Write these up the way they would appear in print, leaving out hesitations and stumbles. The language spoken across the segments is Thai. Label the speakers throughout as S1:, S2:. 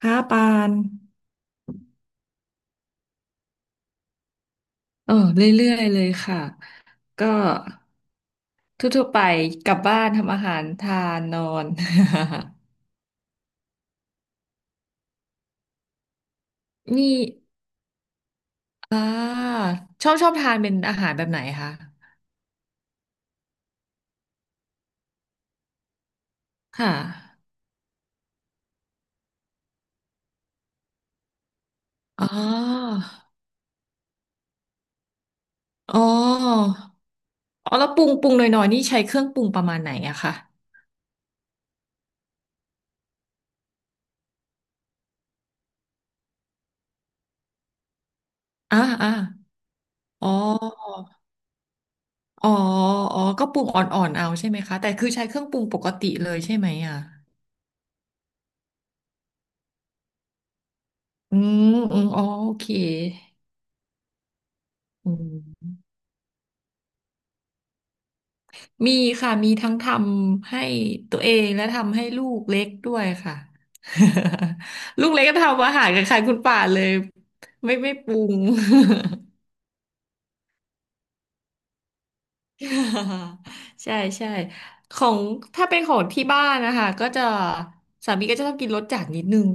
S1: ค่ะปานเออเรื่อยๆเลยค่ะ ก็ทั่วๆไปกลับบ้านทำอาหารทานนอน มีอ่าชอบทานเป็นอาหารแบบไหนคะค่ะอ๋ออ๋ออ๋อแล้วปรุงหน่อยๆนี่ใช้เครื่องปรุงประมาณไหนอะคะอ่าอ่าอ๋ออ๋ออ๋อก็ปรุงอ่อนๆเอาใช่ไหมคะแต่คือใช้เครื่องปรุงปกติเลยใช่ไหมอะอืมอืมอ๋อโอเคอืม มีค่ะมีทั้งทำให้ตัวเองและทำให้ลูกเล็กด้วยค่ะ ลูกเล็กก็ทำอาหารกับใครคุณป่าเลยไม่ปรุง ใช่ใช่ของถ้าเป็นของที่บ้านนะคะก็จะสามีก็จะต้องกินรสจัดนิดนึง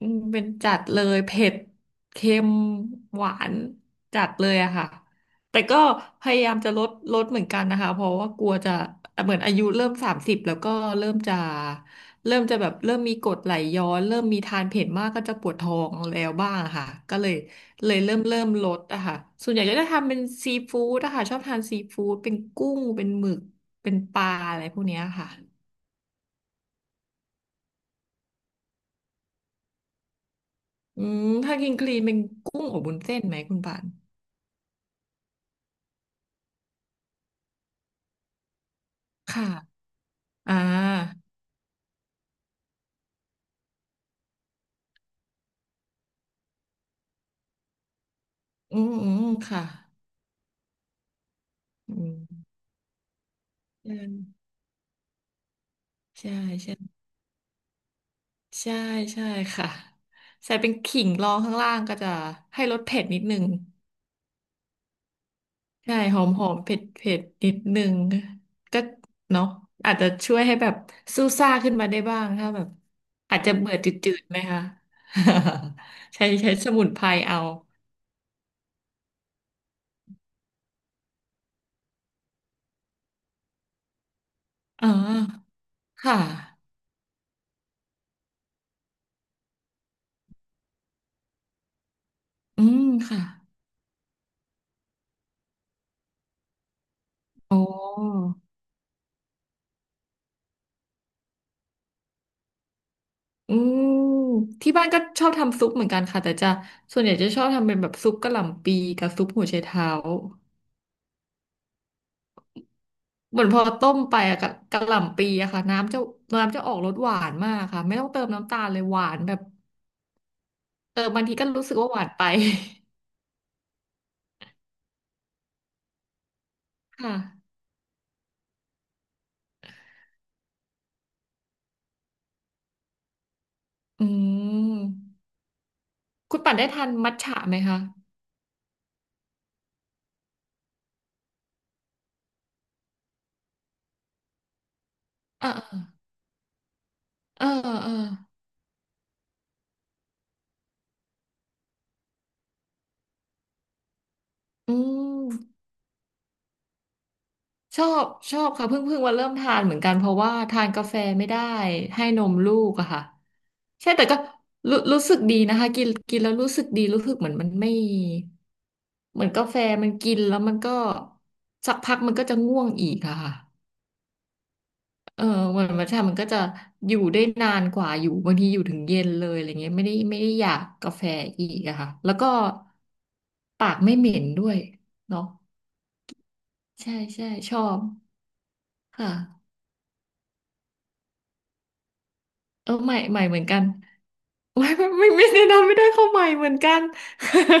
S1: อืมเป็นจัดเลยเผ็ดเค็มหวานจัดเลยอะค่ะแต่ก็พยายามจะลดเหมือนกันนะคะเพราะว่ากลัวจะเหมือนอายุเริ่ม30แล้วก็เริ่มจะเริ่มจะแบบเริ่มมีกรดไหลย้อนเริ่มมีทานเผ็ดมากก็จะปวดท้องแล้วบ้างอะค่ะก็เลยเริ่มลดอะค่ะส่วนใหญ่ก็จะทำเป็นซีฟู้ดอะค่ะชอบทานซีฟู้ดเป็นกุ้งเป็นหมึกเป็นปลาอะไรพวกเนี้ยค่ะอืมถ้ากินคลีนเป็นกุ้งอบวุ้นเส้นไหมคุณปานค่ะ อ่าอืมอืมค่ะอืมใช่ใช่ใช่ใช่ใช่ค่ะใส่เป็นขิงรองข้างล่างก็จะให้รสเผ็ดนิดนึงใช่หอมหอมเผ็ดเผ็ดนิดนึงก็ เนาะอาจจะช่วยให้แบบซู่ซ่าขึ้นมาได้บ้างถ้าแบบอาจจะเบื่อจืดๆไหมคะ ใช้สมุนไพรเอาอ๋อค่ะ อืมค่ะโอ้ อืมที่บ้านก็ชอบทำซุปเหมือนกันค่ะแต่จะส่วนใหญ่จะชอบทำเป็นแบบซุปกะหล่ำปีกับซุปหัวไชเท้าเหมือนพอต้มไปอะกะกะหล่ำปีอะค่ะน้ำจะออกรสหวานมากค่ะไม่ต้องเติมน้ำตาลเลยหวานแบบเออบางทีก็รู้สึกว่าหวานไป ค่ะอืมคุณปั่นได้ทานมัทฉะไหมคะเออเออเออเอออืม ชอบชอบค่ะเพิ่งมาเริ่มทานเหมือนกันเพราะว่าทานกาแฟไม่ได้ให้นมลูกอะค่ะใช่แต่ก็รู้สึกดีนะคะกินกินแล้วรู้สึกดีรู้สึกเหมือนมันไม่เหมือนกาแฟมันกินแล้วมันก็สักพักมันก็จะง่วงอีกอะค่ะเออมันใช่มันก็จะอยู่ได้นานกว่าอยู่บางทีอยู่ถึงเย็นเลยอะไรเงี้ยไม่ได้อยากกาแฟอีกอะค่ะแล้วก็ปากไม่เหม็นด้วยเนาะใช่ใช่ชอบค่ะเออใหม่ใหม่เหมือนกัน โอ้ยไม่แนะนำไม่ได้เข้าใหม่เหมือนกัน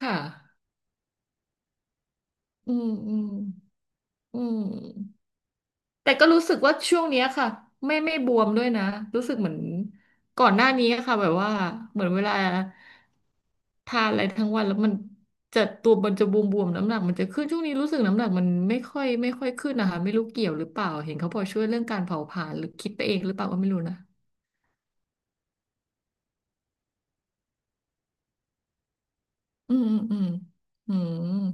S1: ค่ะอืมอืมอืมแต่ก็รู้สึกว่าช่วงเนี้ยค่ะไม่บวมด้วยนะรู้สึกเหมือนก่อนหน้านี้ค่ะแบบว่าเหมือนเวลาทานอะไรทั้งวันแล้วมันจะตัวมันจะบวมๆน้ำหนักมันจะขึ้นช่วงนี้รู้สึกน้ำหนักมันไม่ค่อยขึ้นนะคะไม่รู้เกี่ยวหรือเปล่าเห็นเขาบอกช่วยเรื่องการเผาผลาญหรือคิดไปเองหรือเปล่าก็ไม่รู้นะอืมอืมอืมอืม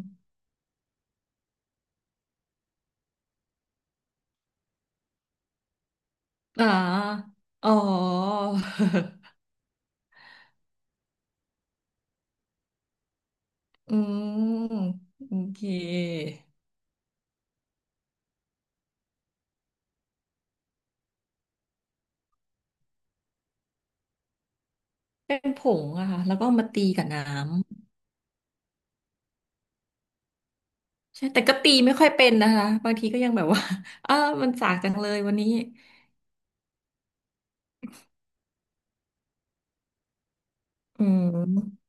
S1: อ่าอ๋อ อืมโอเคเป็นผงอะค่ะแล้วก็เอามาตีกับน้ำใช่แต่ก็ตีไม่ค่อยเป็นนะคะบางทีก็ยังแบบว่า อ้ามันสากจังเลยวันนี้อืม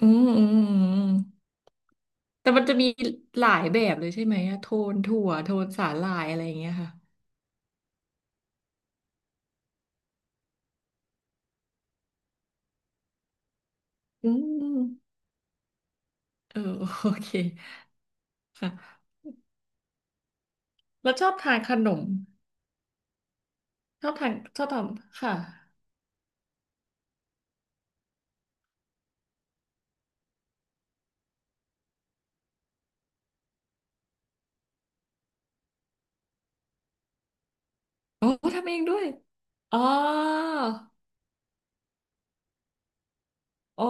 S1: อืมอืมอืมแต่มันจะมีหลายแบบเลยใช่ไหมอะโทนถั่วโทนสาหร่ายอะไรอย่างเงี้ยค่ะอืมเออโอเคค่ะแล้วชอบทานขนมชอบทานชอบทำค่ะโอ้ทำเองด้วยอ๋อ อ๋อ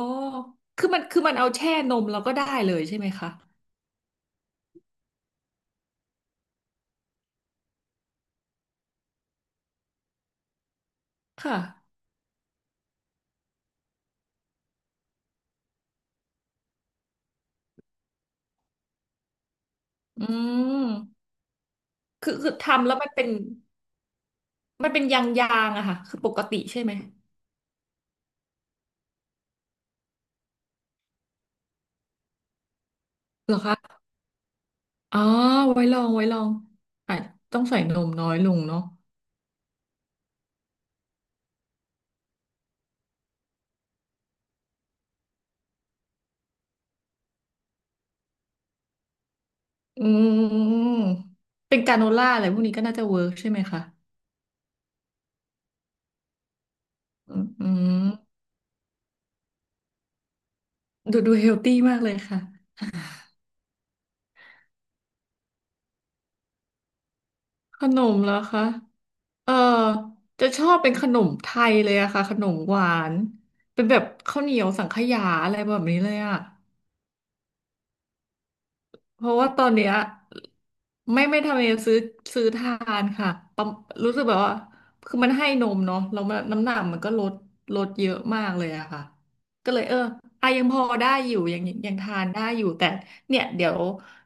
S1: คือมันเอาแช่นมแล้วก็ได้เลยใช่ไหมคะ ค่ะ อืม คือคือทำแล้วมันเป็นมันเป็นยางยางอะค่ะ คือปกติใช่ไหมเหรอคะอ๋อ ไว้ลองอ่ะต้องใส่นมน้อยลงเนาะอืม เป็นกราโนล่าอะไรพวกนี้ก็น่าจะเวิร์กใช่ไหมคะ อืม ดูเฮลตี้มากเลยค่ะ ขนมเหรอคะ เออ จะชอบเป็นขนมไทยเลยอะค่ะขนมหวาน เป็นแบบข้าวเหนียวสังขยาอะไรแบบนี้เลยอะ เพราะว่าตอนเนี้ยไม่ไม่ทำเองซื้อทานค่ะประรู้สึกแบบว่าคือมันให้นมเนาะแล้วมันน้ำหนักมันก็ลดเยอะมากเลยอะค่ะก็เลยเอออ่ะยังพอได้อยู่ยังทานได้อยู่ แต่เนี่ยเดี๋ยว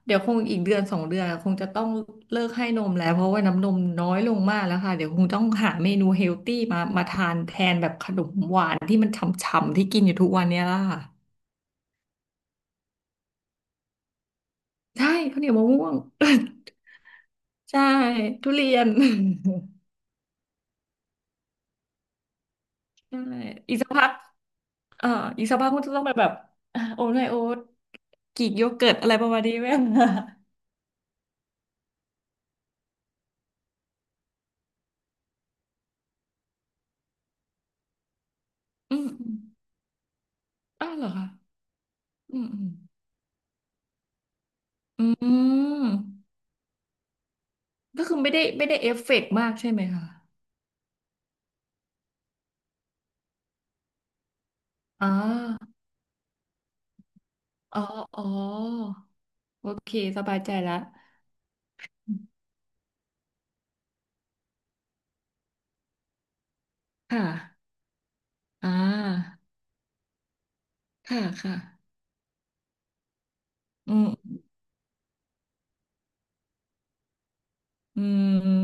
S1: เดี๋ยวคงอีกเดือนสองเดือนคงจะต้องเลิกให้นมแล้วเพราะว่าน้ำนมน้อยลงมากแล้วค่ะ เดี๋ยวคงต้องหาเมนูเฮลตี้มาทานแทนแบบขนมหวานที่มันฉ่ำๆที่กินอยู่ทุกวันเนี้ยล่ะค่ะใช่ข้าวเหนียวมะม่วง ใช่ทุเรียน ใช่อีกสักพักเอ่ออีกสักพักคุณจะต้องไปแบบอ่ะโอ๊ตไงโอ๊ตกรีกโยเกิร์ตอะไรประมาณนี้ไหม อืมอมอ้าวเหรอคะอืมอืมอืมก็คือไม่ได้ไม่ได้เอฟเฟกต์มากใช่ไหมคะอ๋ออ๋ออ๋อโอเคสบายใจแล้วค่ะอ่าค่ะค่ะอืมอืม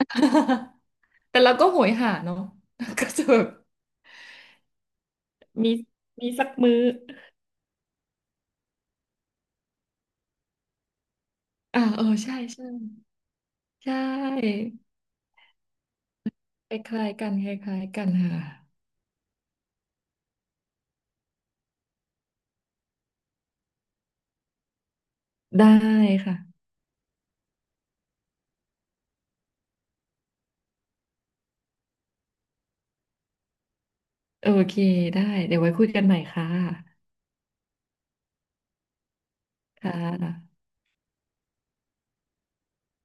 S1: แต่เราก็โหยหาเนาะ ก็จะแบบ มีมีสักมื้ออ่าเออใช่ใช่ใช่คล้ายๆกันคล้ายๆกันค่ะได้ค่ะโอเคได้เดี๋ยวไว้คุยกันใหม่ค่ะค่ะ